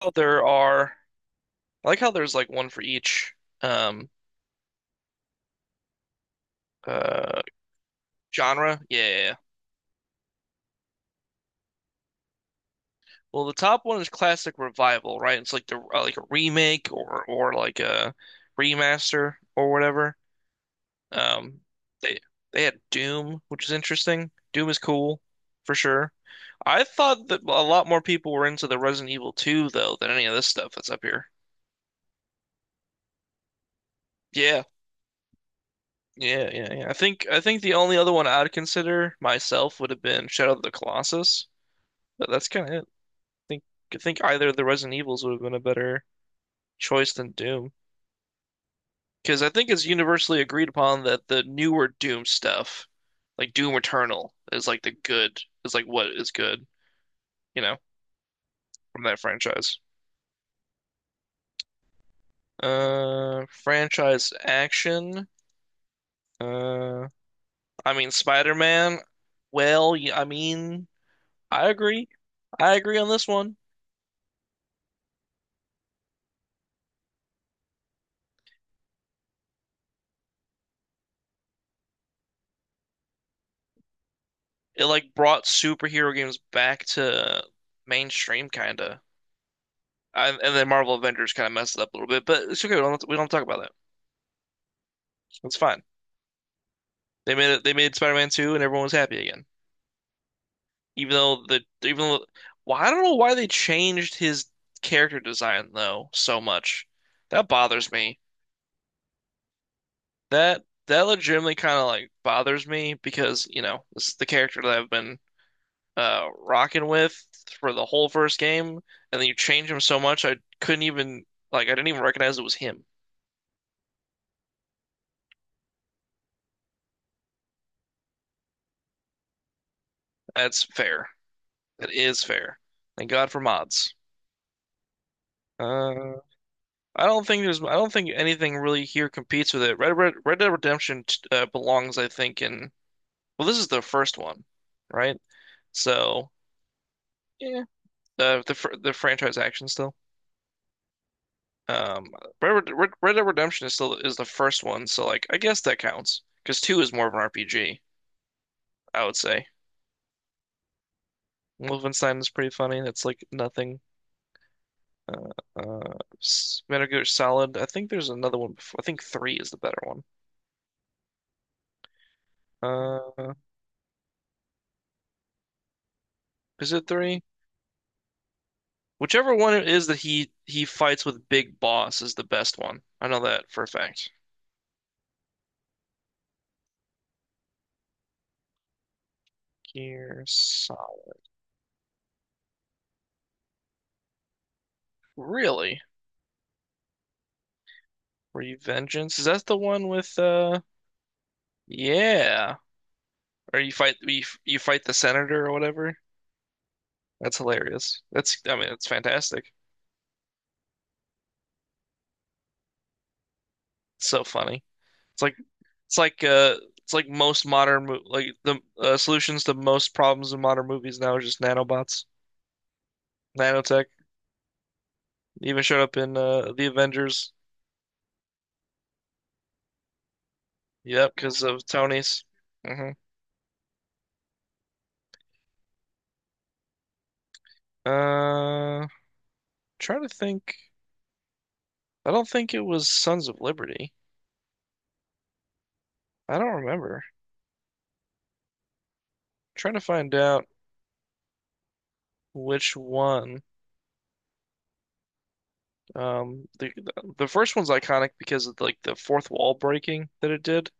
How there are I like how there's like one for each um uh genre. Yeah, yeah, yeah. Well, the top one is classic revival, right? It's like the like a remake or like a remaster or whatever. Um they they had Doom, which is interesting. Doom is cool for sure. I thought that a lot more people were into the Resident Evil 2 though than any of this stuff that's up here. Yeah. Yeah, yeah, yeah. I think the only other one I'd consider myself would have been Shadow of the Colossus. But that's kind of it. Think I think either the Resident Evils would have been a better choice than Doom, because I think it's universally agreed upon that the newer Doom stuff, like Doom Eternal, is like what is good, you know, from that franchise. Franchise action. Uh, I mean Spider-Man. Well, I mean, I agree. I agree on this one. It like brought superhero games back to mainstream, kinda. And then Marvel Avengers kind of messed it up a little bit, but it's okay. We don't talk about that. It's fine. They made it. They made Spider-Man 2, and everyone was happy again. Even though the even though, Well, I don't know why they changed his character design though so much. That bothers me. That legitimately kind of like bothers me because you know this is the character that I've been rocking with for the whole first game, and then you change him so much I couldn't even like I didn't even recognize it was him. That's fair. That is fair. Thank God for mods. Uh, I don't think there's. I don't think anything really here competes with it. Red Dead Redemption belongs, I think, in. Well, this is the first one, right? So yeah, the franchise action still. Um, Red Dead Redemption is the first one, so like I guess that counts because two is more of an RPG, I would say. Wolfenstein is pretty funny. That's like nothing. Uh, Metal Gear Solid. I think there's another one before. I think three is the better one. Uh, is it three? Whichever one it is that he fights with Big Boss is the best one. I know that for a fact. Gear Solid. Really? Revengeance? Is that the one with? Yeah. Or you fight the senator or whatever? That's hilarious. That's I mean it's fantastic. It's so funny. It's like it's like uh it's like most modern mo like the solutions to most problems in modern movies now are just nanobots, nanotech. It even showed up in the Avengers. Yep, because of Tony's. Hmm. Uh, Trying to think. I don't think it was Sons of Liberty. I don't remember. Trying to find out which one. Um, the the first one's iconic because of like the fourth wall breaking that it did,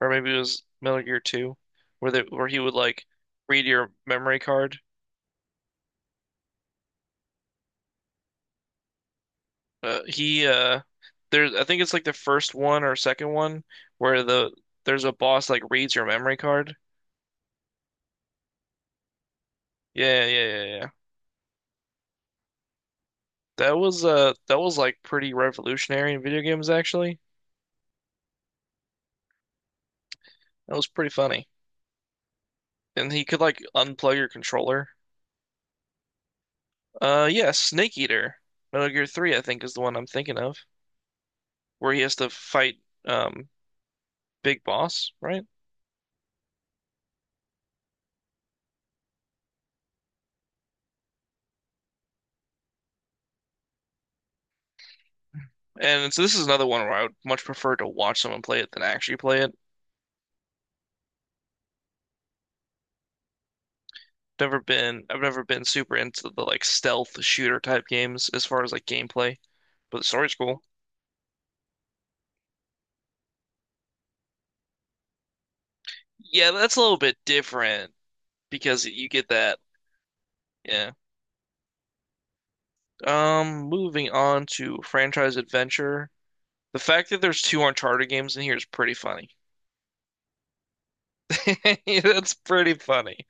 or maybe it was Metal Gear 2, where they where he would like read your memory card. He there's I think it's like the first one or second one where there's a boss like reads your memory card. Yeah, yeah, yeah, yeah, yeah. That was like pretty revolutionary in video games actually. That was pretty funny. And he could like unplug your controller. Yeah, Snake Eater. Metal Gear 3 I think is the one I'm thinking of where he has to fight um Big Boss, right? And so this is another one where I would much prefer to watch someone play it than actually play it. Never been I've never been super into the like stealth shooter type games as far as like gameplay, but the story's cool. Yeah, that's a little bit different because you get that, yeah. Moving on to franchise adventure. The fact that there's two Uncharted games in here is pretty funny. That's pretty funny.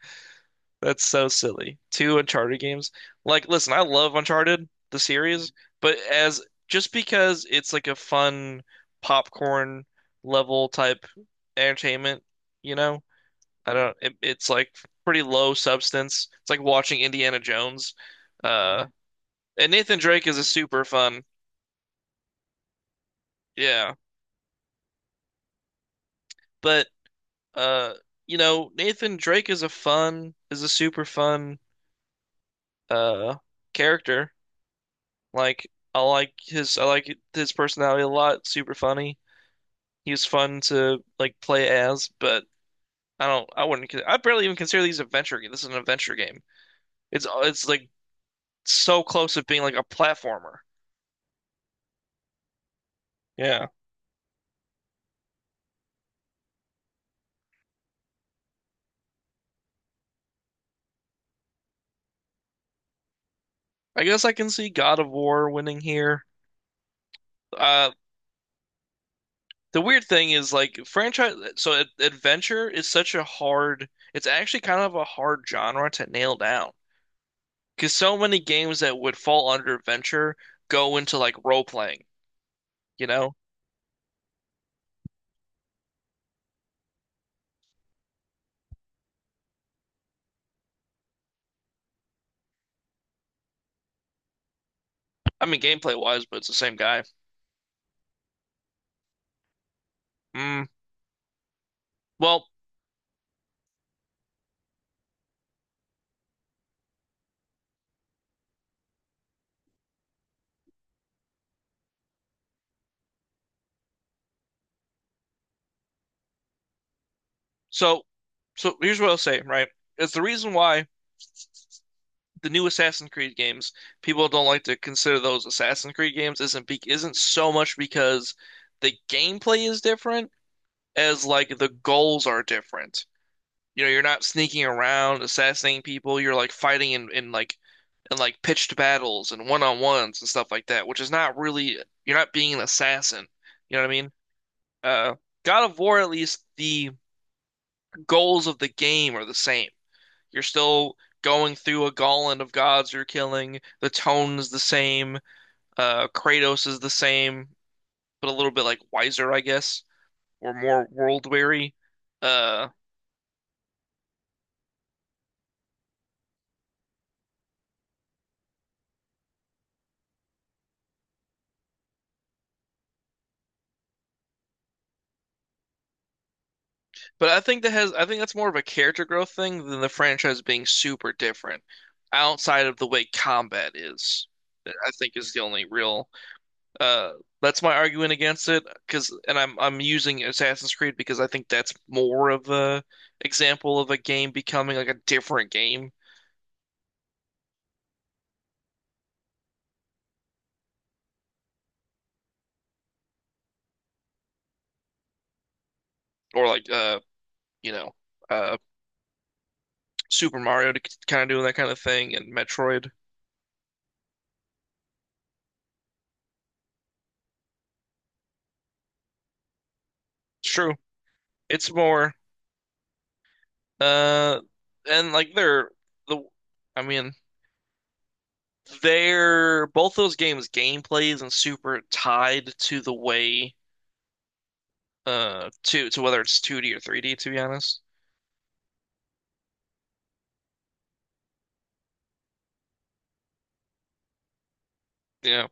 That's so silly. Two Uncharted games. Like, listen, I love Uncharted, the series, but as just because it's like a fun popcorn level type entertainment, you know, I don't, it's like pretty low substance. It's like watching Indiana Jones. Uh, and Nathan Drake is a super fun. Yeah. But Uh, Nathan Drake is is a super fun uh character. Like I like his personality a lot, super funny. He was fun to like play as, but I don't I wouldn't con- I barely even consider these adventure game. This is an adventure game. It's like so close to being like a platformer. Yeah. I guess I can see God of War winning here. Uh The weird thing is like franchise so ad adventure is such a hard it's actually kind of a hard genre to nail down because so many games that would fall under adventure go into like role playing, you know? I mean gameplay wise, but it's the same guy. Mm. Well, so so here's what I'll say, right? It's the reason why the new Assassin's Creed games, people don't like to consider those Assassin's Creed games isn't so much because the gameplay is different as like the goals are different. You know, you're not sneaking around assassinating people. You're like fighting in like pitched battles and one on ones and stuff like that, which is not really, you're not being an assassin. You know what I mean? Uh, God of War, at least the goals of the game are the same. You're still going through a gauntlet of gods you're killing. The tone is the same. Kratos is the same, but a little bit like wiser, I guess, or more world weary. Uh, But I think that's more of a character growth thing than the franchise being super different outside of the way combat is. That I think is the only real, uh that's my argument against it. Because, and I'm using Assassin's Creed because I think that's more of a example of a game becoming like a different game or like you know uh Super Mario to kind of doing that kind of thing and Metroid. It's true. It's more uh and like they're the I mean, they're both those games' gameplay isn't super tied to the way to whether it's 2D or 3D, to be honest. Yeah.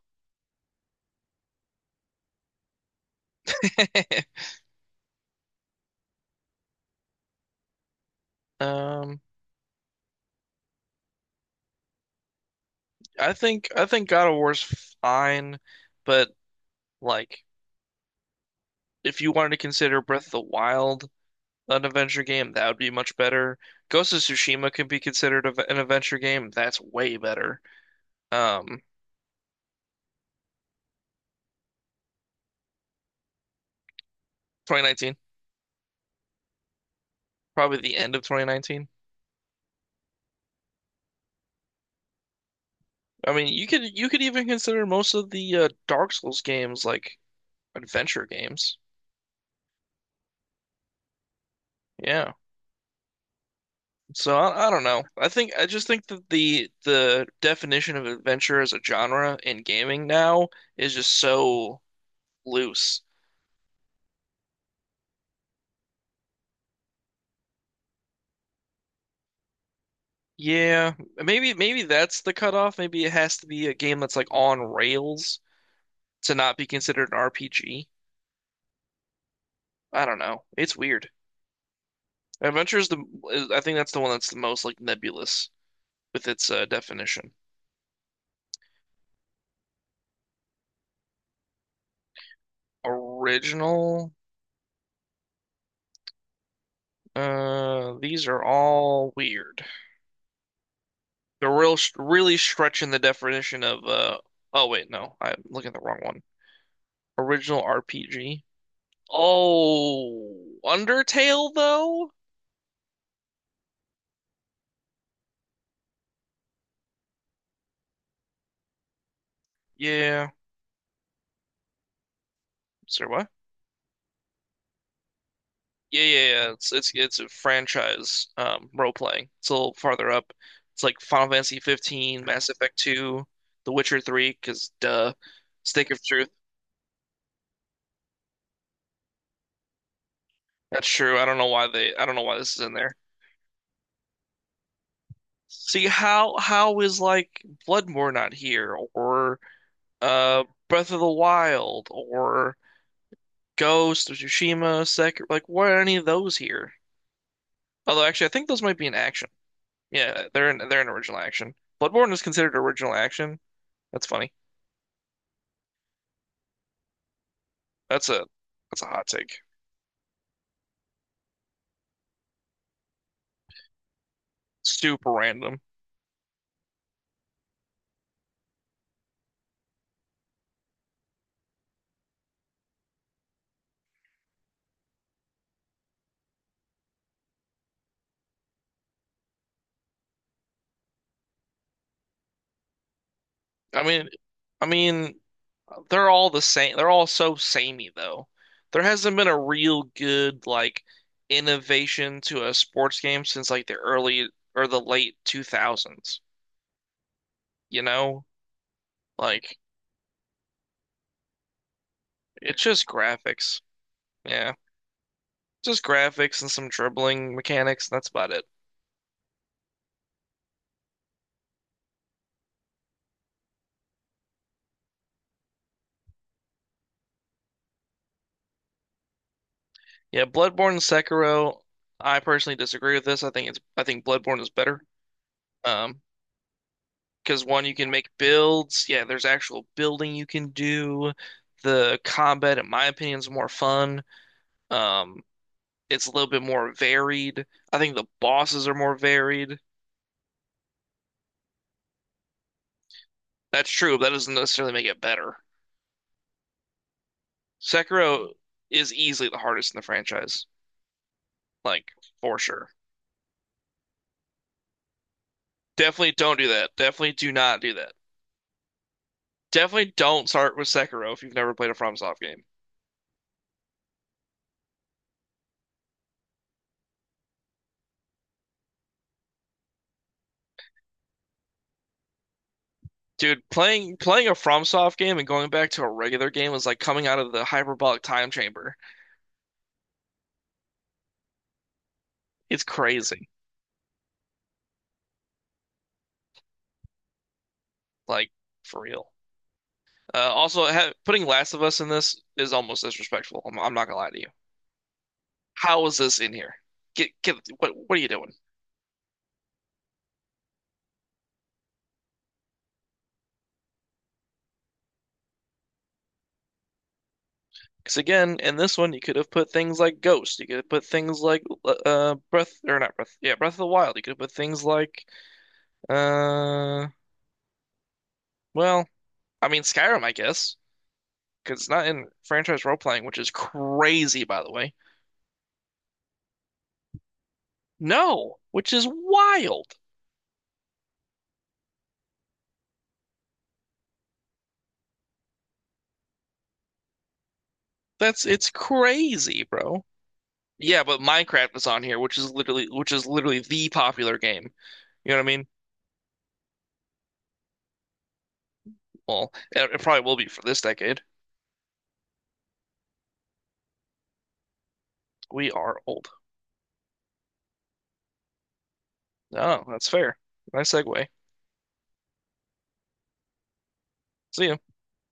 Um, I think God of War's fine, but like if you wanted to consider Breath of the Wild an adventure game, that would be much better. Ghost of Tsushima could be considered an adventure game. That's way better. Um, 2019, probably the end of 2019. I mean, you could even consider most of the Dark Souls games like adventure games. Yeah. So I don't know. I just think that the definition of adventure as a genre in gaming now is just so loose. Yeah, maybe that's the cutoff. Maybe it has to be a game that's like on rails to not be considered an RPG. I don't know. It's weird. Adventure is I think that's the one that's the most like nebulous with its definition. Original. These are all weird. They're really stretching the definition of. Oh wait, no, I'm looking at the wrong one. Original RPG. Oh, Undertale though? Yeah. Sorry, what? Yeah, yeah, yeah. It's a franchise role playing. It's a little farther up. It's like Final Fantasy 15, Mass Effect 2, The Witcher 3, because duh, Stick of Truth. That's true. I don't know why they. I don't know why this is in there. See how is like Bloodborne not here or Breath of the Wild or Ghost of Tsushima, Sekiro, like why are any of those here? Although actually I think those might be in action. Yeah, they're in original action. Bloodborne is considered original action. That's funny. That's a that's a hot take. Super random. I mean I mean they're all the same. They're all so samey though. There hasn't been a real good like innovation to a sports game since like the early or the late 2000s, you know? Like it's just graphics. Yeah. Just graphics and some dribbling mechanics. That's about it. Yeah, Bloodborne and Sekiro, I personally disagree with this. I think Bloodborne is better. Um, because one, you can make builds. Yeah, there's actual building you can do. The combat, in my opinion, is more fun. Um, it's a little bit more varied. I think the bosses are more varied. That's true, but that doesn't necessarily make it better. Sekiro is easily the hardest in the franchise, like for sure. Definitely don't do that. Definitely do not do that. Definitely don't start with Sekiro if you've never played a FromSoft game. Dude, playing a FromSoft game and going back to a regular game is like coming out of the hyperbolic time chamber. It's crazy. Like for real. Also, ha putting Last of Us in this is almost disrespectful. I'm not gonna lie to you. How is this in here? Get what are you doing? Because again, in this one, you could have put things like Ghost. You could have put things like Breath or not Breath. Yeah, Breath of the Wild. You could have put things like uh well, I mean Skyrim, I guess, because it's not in franchise role playing, which is crazy, by the way. No, which is wild. That's It's crazy, bro. Yeah, but Minecraft is on here, which is literally the popular game. You know what I mean? Well, it probably will be for this decade. We are old. Oh, that's fair. Nice segue. See ya.